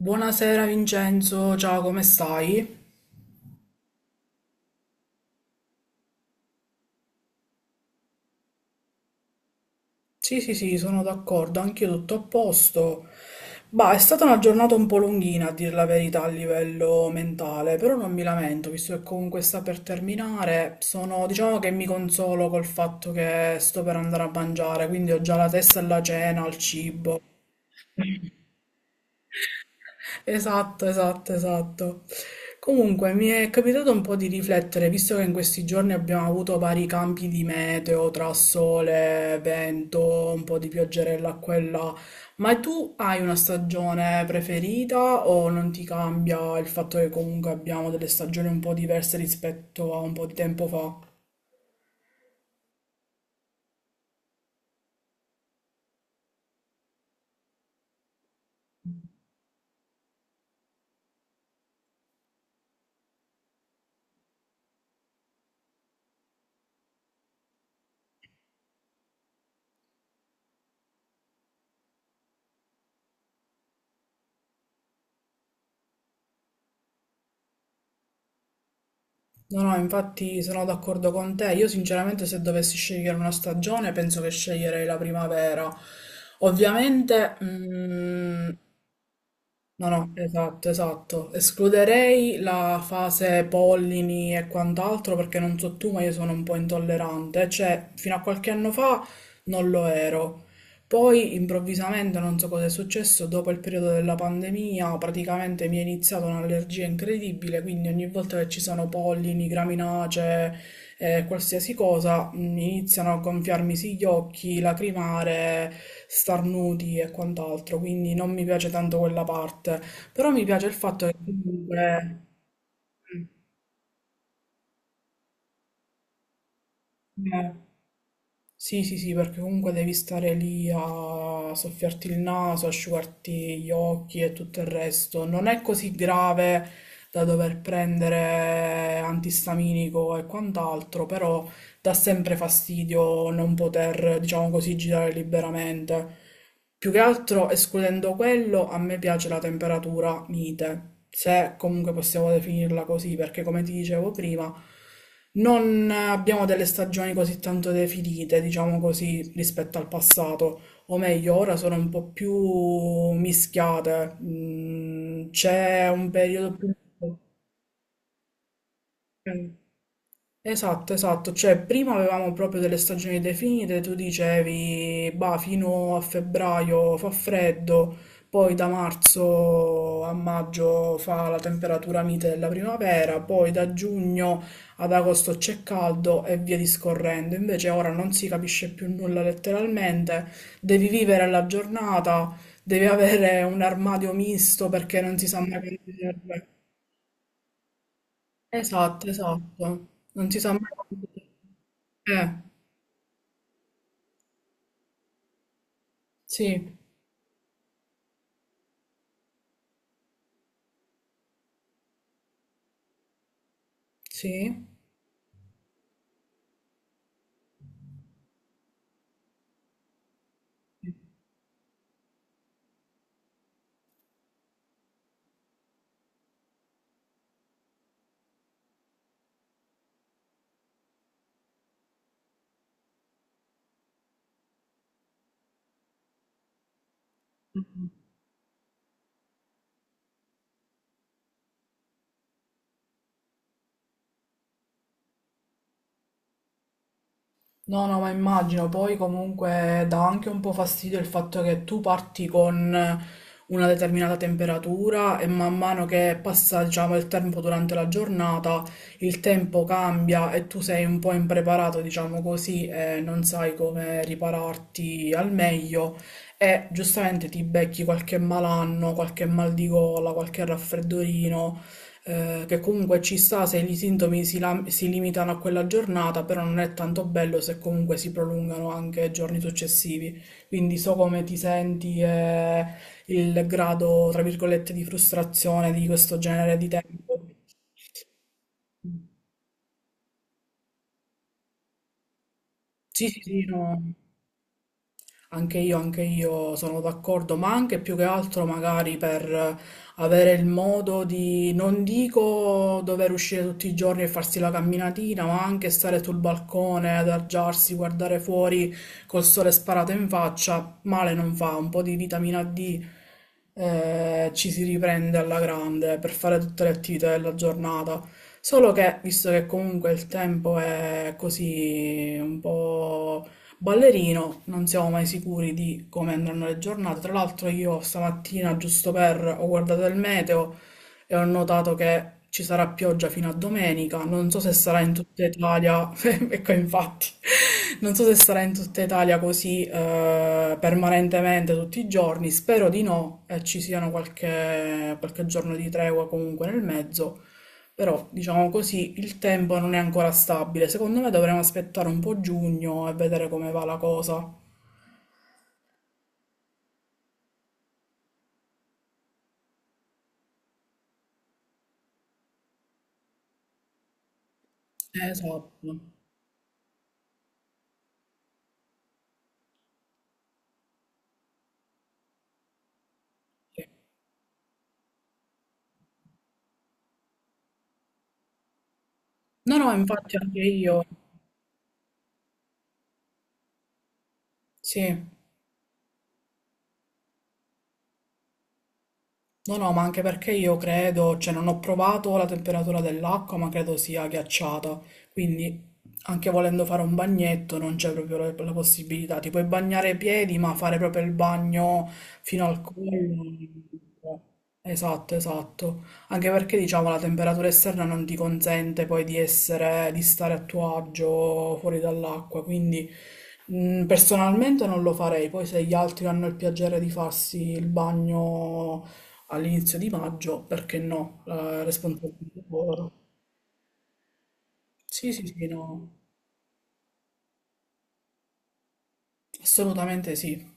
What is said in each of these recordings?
Buonasera Vincenzo, ciao, come stai? Sì, sì, sì, sono d'accordo, anch'io tutto a posto. Bah, è stata una giornata un po' lunghina, a dire la verità, a livello mentale, però non mi lamento, visto che comunque sta per terminare. Diciamo che mi consolo col fatto che sto per andare a mangiare, quindi ho già la testa alla cena, al cibo. Esatto, esatto, esatto. Comunque, mi è capitato un po' di riflettere, visto che in questi giorni abbiamo avuto vari cambi di meteo, tra sole, vento, un po' di pioggerella qua e là. Ma tu hai una stagione preferita o non ti cambia il fatto che comunque abbiamo delle stagioni un po' diverse rispetto a un po' di tempo fa? No, no, infatti sono d'accordo con te. Io sinceramente se dovessi scegliere una stagione penso che sceglierei la primavera. Ovviamente. Mm. No, no, esatto, esatto. Escluderei la fase pollini e quant'altro perché non so tu, ma io sono un po' intollerante, cioè fino a qualche anno fa non lo ero. Poi improvvisamente, non so cosa è successo, dopo il periodo della pandemia praticamente mi è iniziata un'allergia incredibile, quindi ogni volta che ci sono pollini, graminacee, qualsiasi cosa, iniziano a gonfiarmisi gli occhi, lacrimare, starnuti e quant'altro, quindi non mi piace tanto quella parte, però mi piace il fatto che comunque... Mm, sì, sì, sì, perché comunque devi stare lì a soffiarti il naso, asciugarti gli occhi e tutto il resto. Non è così grave da dover prendere antistaminico e quant'altro, però dà sempre fastidio non poter, diciamo così, girare liberamente. Più che altro, escludendo quello, a me piace la temperatura mite, se comunque possiamo definirla così, perché come ti dicevo prima, non abbiamo delle stagioni così tanto definite, diciamo così, rispetto al passato, o meglio, ora sono un po' più mischiate. Mm. C'è un periodo più... Esatto, esatto, cioè prima avevamo proprio delle stagioni definite, tu dicevi, bah, fino a febbraio fa freddo, poi da marzo a maggio fa la temperatura mite della primavera, poi da giugno ad agosto c'è caldo e via discorrendo. Invece ora non si capisce più nulla letteralmente, devi vivere la giornata, devi avere un armadio misto perché non si sa mai quando ti serve. Esatto, esatto. Non si sa mai quando- Eh, sì, sì. No, no, ma immagino, poi comunque dà anche un po' fastidio il fatto che tu parti con una determinata temperatura e man mano che passa, diciamo, il tempo durante la giornata, il tempo cambia e tu sei un po' impreparato, diciamo così, e non sai come ripararti al meglio e giustamente ti becchi qualche malanno, qualche mal di gola, qualche raffreddorino. Che comunque ci sta se i sintomi si, si limitano a quella giornata, però non è tanto bello se comunque si prolungano anche ai giorni successivi. Quindi so come ti senti e il grado, tra virgolette, di frustrazione di questo genere di tempo. Sì, sì, sì, no. Anche io sono d'accordo, ma anche più che altro magari per avere il modo di, non dico dover uscire tutti i giorni e farsi la camminatina, ma anche stare sul balcone, adagiarsi, guardare fuori col sole sparato in faccia, male non fa, un po' di vitamina D, ci si riprende alla grande per fare tutte le attività della giornata. Solo che, visto che comunque il tempo è così un po' ballerino, non siamo mai sicuri di come andranno le giornate. Tra l'altro io stamattina, giusto per, ho guardato il meteo e ho notato che ci sarà pioggia fino a domenica. Non so se sarà in tutta Italia, ecco infatti, non so se sarà in tutta Italia così permanentemente tutti i giorni. Spero di no e ci siano qualche, giorno di tregua comunque nel mezzo. Però, diciamo così, il tempo non è ancora stabile. Secondo me dovremmo aspettare un po' giugno e vedere come va la cosa. Esatto. Sì. No, no, infatti anche io. Sì. No, no, ma anche perché io credo, cioè non ho provato la temperatura dell'acqua, ma credo sia ghiacciata, quindi anche volendo fare un bagnetto non c'è proprio la possibilità, ti puoi bagnare i piedi, ma fare proprio il bagno fino al collo. Esatto, esatto, anche perché diciamo la temperatura esterna non ti consente poi di essere, di stare a tuo agio fuori dall'acqua, quindi... Mm. Personalmente non lo farei, poi se gli altri hanno il piacere di farsi il bagno all'inizio di maggio, perché no, la responsabilità del lavoro. Sì, sì, sì, no, assolutamente sì.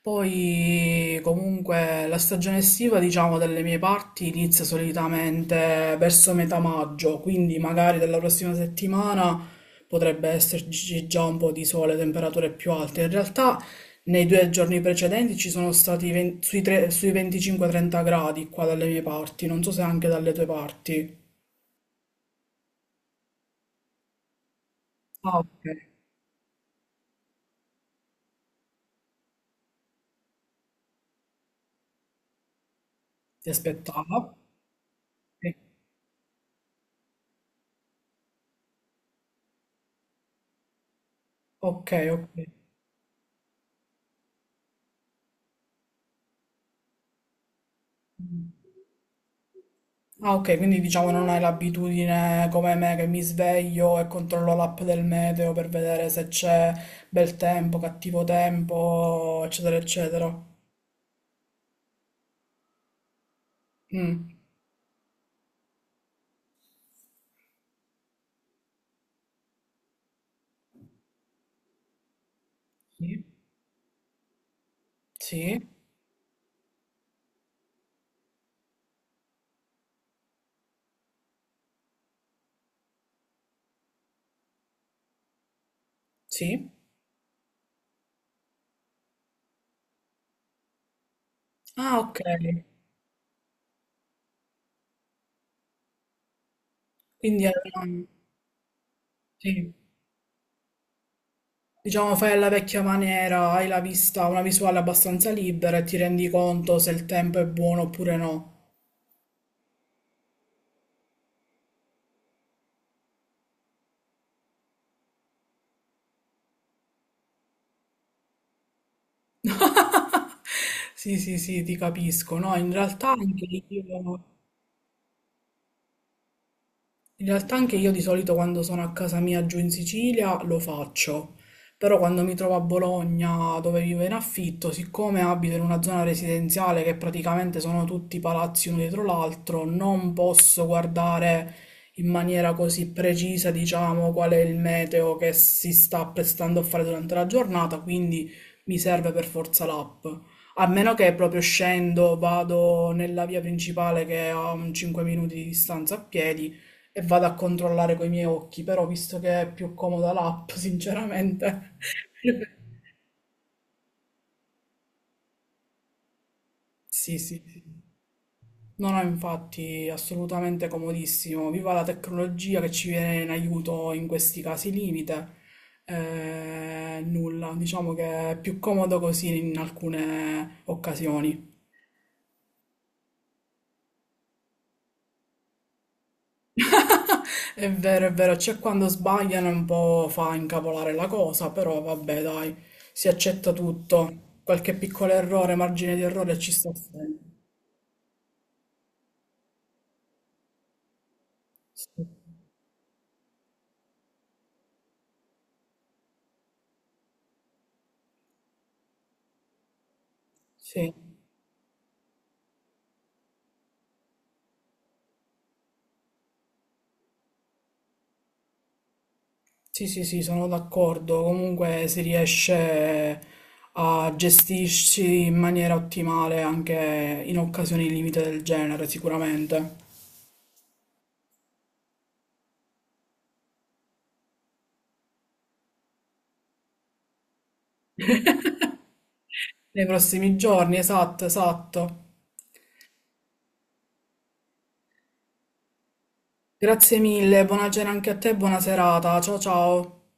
Poi comunque la stagione estiva, diciamo, dalle mie parti inizia solitamente verso metà maggio, quindi magari dalla prossima settimana potrebbe esserci già un po' di sole, temperature più alte. In realtà nei due giorni precedenti ci sono stati 20 sui, sui 25-30 gradi qua dalle mie parti, non so se anche dalle tue parti. Ah, ok. Ti aspettava? Sì. Ok, ok. Mm. Ah, ok, quindi diciamo non hai l'abitudine come me che mi sveglio e controllo l'app del meteo per vedere se c'è bel tempo, cattivo tempo, eccetera, eccetera. Mm. Sì, sì, sì. Ah, ok. Quindi sì. Diciamo fai alla vecchia maniera, hai la vista, una visuale abbastanza libera e ti rendi conto se il tempo è buono oppure no. Sì, sì, sì, ti capisco. No, in realtà anche io. In realtà anche io di solito quando sono a casa mia giù in Sicilia lo faccio, però quando mi trovo a Bologna dove vivo in affitto, siccome abito in una zona residenziale che praticamente sono tutti palazzi uno dietro l'altro, non posso guardare in maniera così precisa, diciamo, qual è il meteo che si sta apprestando a fare durante la giornata, quindi mi serve per forza l'app. A meno che proprio scendo, vado nella via principale che è a un 5 minuti di distanza a piedi e vado a controllare coi miei occhi, però visto che è più comoda l'app, sinceramente. Sì, sì, sì. No, no, infatti, assolutamente comodissimo. Viva la tecnologia che ci viene in aiuto in questi casi limite. Nulla, diciamo che è più comodo così in alcune occasioni. È vero, c'è quando sbagliano un po' fa incavolare la cosa, però vabbè, dai, si accetta tutto. Qualche piccolo errore, margine di errore ci sta sempre. Sì, sì, sì, sì, sì, sono d'accordo. Comunque si riesce a gestirci in maniera ottimale anche in occasioni limite del genere, sicuramente. Nei prossimi giorni, esatto, esatto. Grazie mille, buona cena anche a te, buona serata. Ciao ciao.